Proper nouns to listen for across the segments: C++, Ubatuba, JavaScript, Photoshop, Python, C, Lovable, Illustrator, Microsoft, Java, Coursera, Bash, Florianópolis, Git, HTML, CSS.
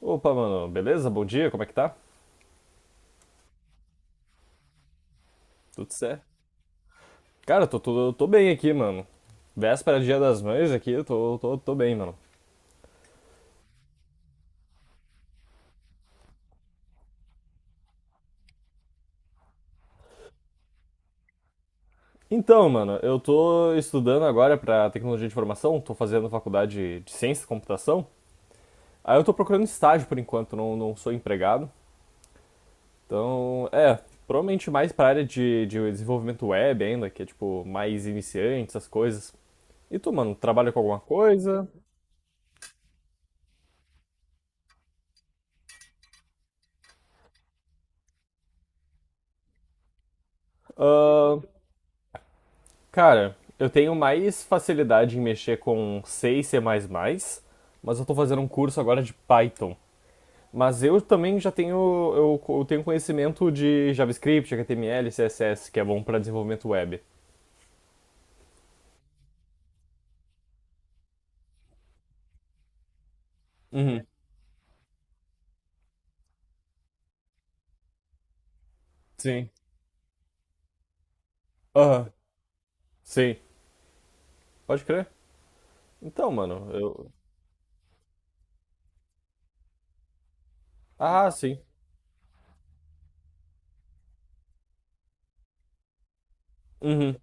Opa, mano, beleza? Bom dia, como é que tá? Tudo certo? Cara, eu tô bem aqui, mano. Véspera de Dia das Mães aqui, eu tô bem, mano. Então, mano, eu tô estudando agora pra tecnologia de informação, tô fazendo faculdade de ciência e computação. Aí eu tô procurando estágio por enquanto, não sou empregado. Então, provavelmente mais pra área de desenvolvimento web ainda, que é tipo mais iniciante, essas coisas. E tu, mano, trabalha com alguma coisa? Cara, eu tenho mais facilidade em mexer com C e C++, mas eu tô fazendo um curso agora de Python. Mas eu também já tenho, eu tenho conhecimento de JavaScript, HTML, CSS, que é bom pra desenvolvimento web. Uhum, sim. Aham, sim. Pode crer. Então, mano, eu... Ah, sim. Uhum.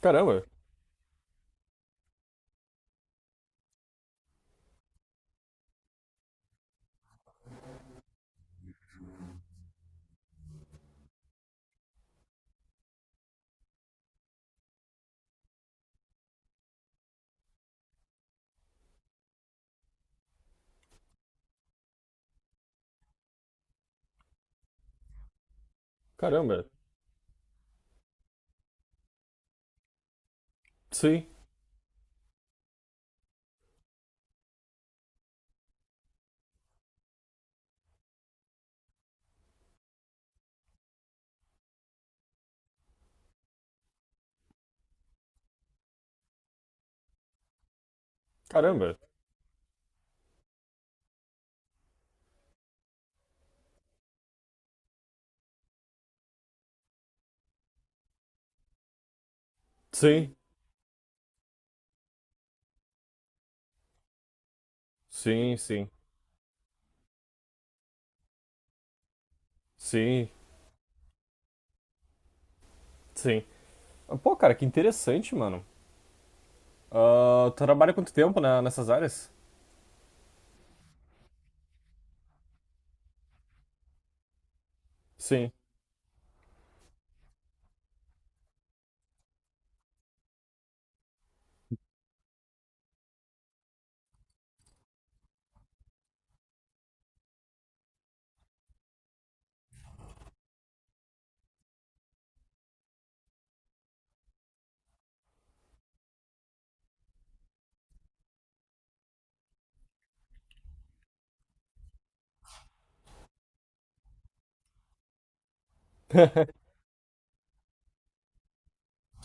Caramba, caramba. Sim, caramba. Sim, sim, sim, sim, sim. Pô, cara, que interessante, mano. Ah, tu trabalha quanto tempo né, nessas áreas? Sim,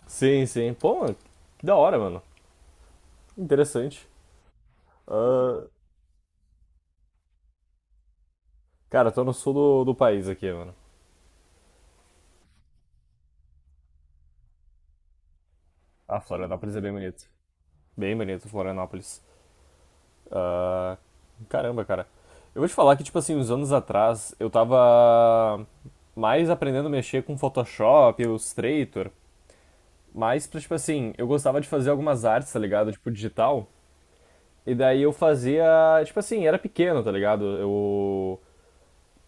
sim, sim. Pô, que da hora, mano. Interessante. Ah, cara, tô no sul do país aqui, mano. Ah, Florianópolis é bem bonito. Bem bonito, Florianópolis. Ah, caramba, cara. Eu vou te falar que, tipo assim, uns anos atrás, eu tava mais aprendendo a mexer com Photoshop, Illustrator, mais pra, tipo assim, eu gostava de fazer algumas artes, tá ligado? Tipo, digital. E daí eu fazia, tipo assim, era pequeno, tá ligado? Eu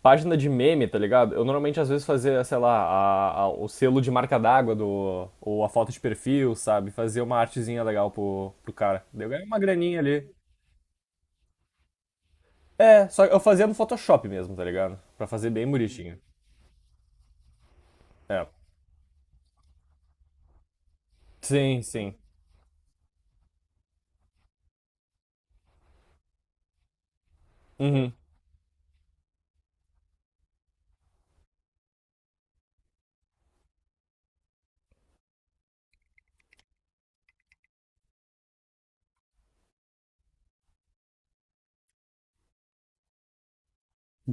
página de meme, tá ligado? Eu normalmente às vezes fazia, sei lá, o selo de marca d'água do, ou a foto de perfil, sabe? Fazia uma artezinha legal pro, pro cara. Daí eu ganhei uma graninha ali. É, só eu fazia no Photoshop mesmo, tá ligado? Pra fazer bem bonitinho. É. Sim, sim. Uhum.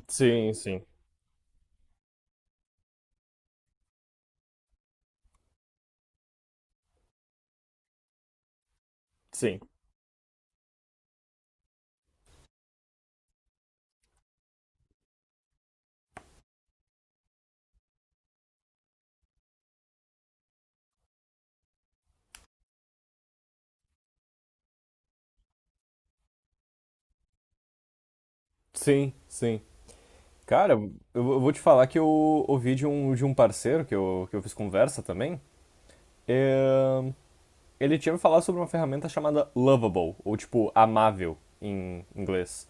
Sim, sim. Sim. Sim, sim. Cara, eu vou te falar que eu ouvi de um parceiro que eu fiz conversa também. É, Ele tinha me falado sobre uma ferramenta chamada Lovable, ou tipo, amável em inglês.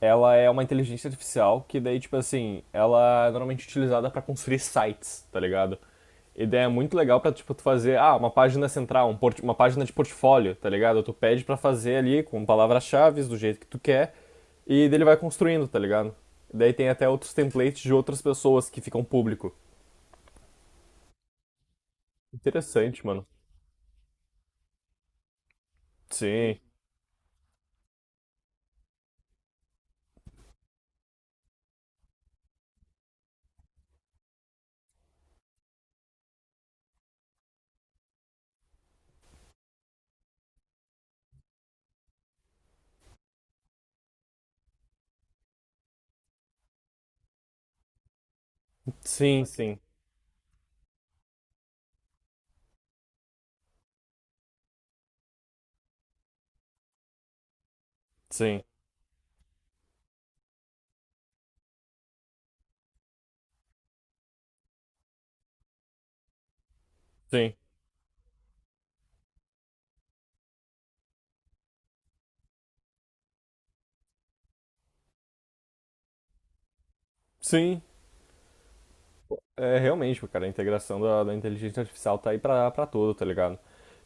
Ela é uma inteligência artificial que daí, tipo assim, ela é normalmente utilizada para construir sites, tá ligado? A ideia é muito legal pra, tipo, tu fazer, ah, uma página central, um uma página de portfólio, tá ligado? Tu pede pra fazer ali com palavras-chave, do jeito que tu quer, e daí ele vai construindo, tá ligado? Daí tem até outros templates de outras pessoas que ficam público. Interessante, mano. Sim, sim, sim, sim, sim, sim. É, realmente, cara, a integração da inteligência artificial tá aí pra, pra tudo, tá ligado?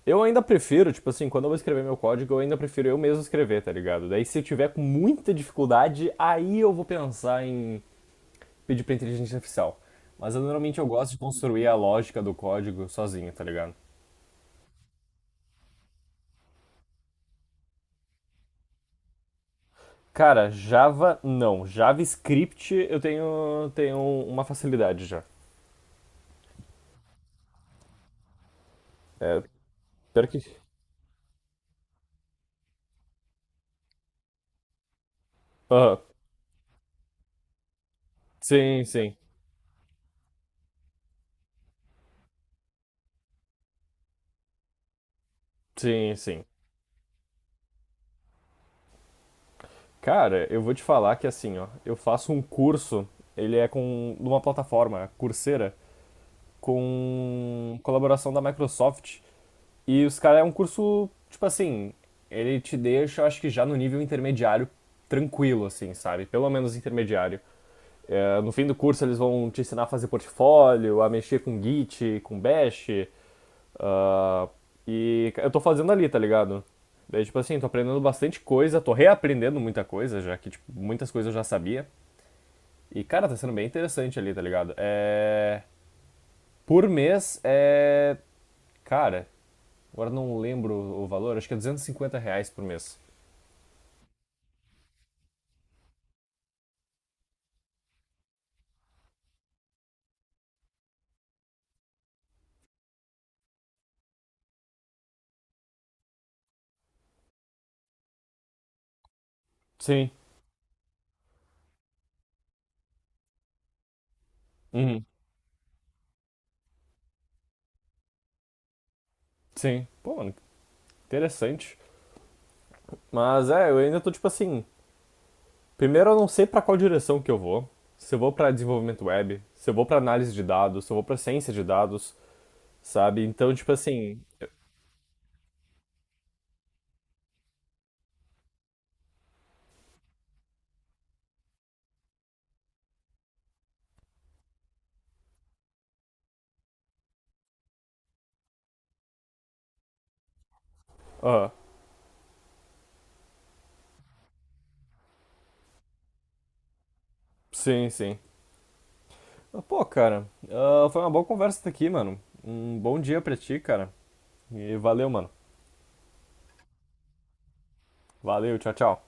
Eu ainda prefiro, tipo assim, quando eu vou escrever meu código, eu ainda prefiro eu mesmo escrever, tá ligado? Daí se eu tiver com muita dificuldade, aí eu vou pensar em pedir pra inteligência artificial. Mas eu, normalmente eu gosto de construir a lógica do código sozinho, tá ligado? Cara, Java não. JavaScript eu tenho, tenho uma facilidade já. É, pior que. Aham. Sim, sim. Sim, sim. Cara, eu vou te falar que assim, ó, eu faço um curso, ele é com numa plataforma, Coursera, com colaboração da Microsoft, e os caras é um curso, tipo assim, ele te deixa, acho que já no nível intermediário, tranquilo, assim, sabe? Pelo menos intermediário. É, no fim do curso eles vão te ensinar a fazer portfólio, a mexer com Git, com Bash, ah, e eu tô fazendo ali, tá ligado? Daí, tipo assim, tô aprendendo bastante coisa, tô reaprendendo muita coisa, já que, tipo, muitas coisas eu já sabia. E, cara, tá sendo bem interessante ali, tá ligado? É... Por mês é... Cara, agora não lembro o valor, acho que é R$ 250 por mês. Sim. Uhum. Sim. Pô, mano, interessante. Mas é, eu ainda tô tipo assim. Primeiro eu não sei pra qual direção que eu vou. Se eu vou pra desenvolvimento web, se eu vou pra análise de dados, se eu vou pra ciência de dados, sabe? Então, tipo assim. Ah, sim, sim. Ah, pô, cara, ah, foi uma boa conversa aqui, mano. Um bom dia pra ti, cara. E valeu, mano. Valeu, tchau, tchau.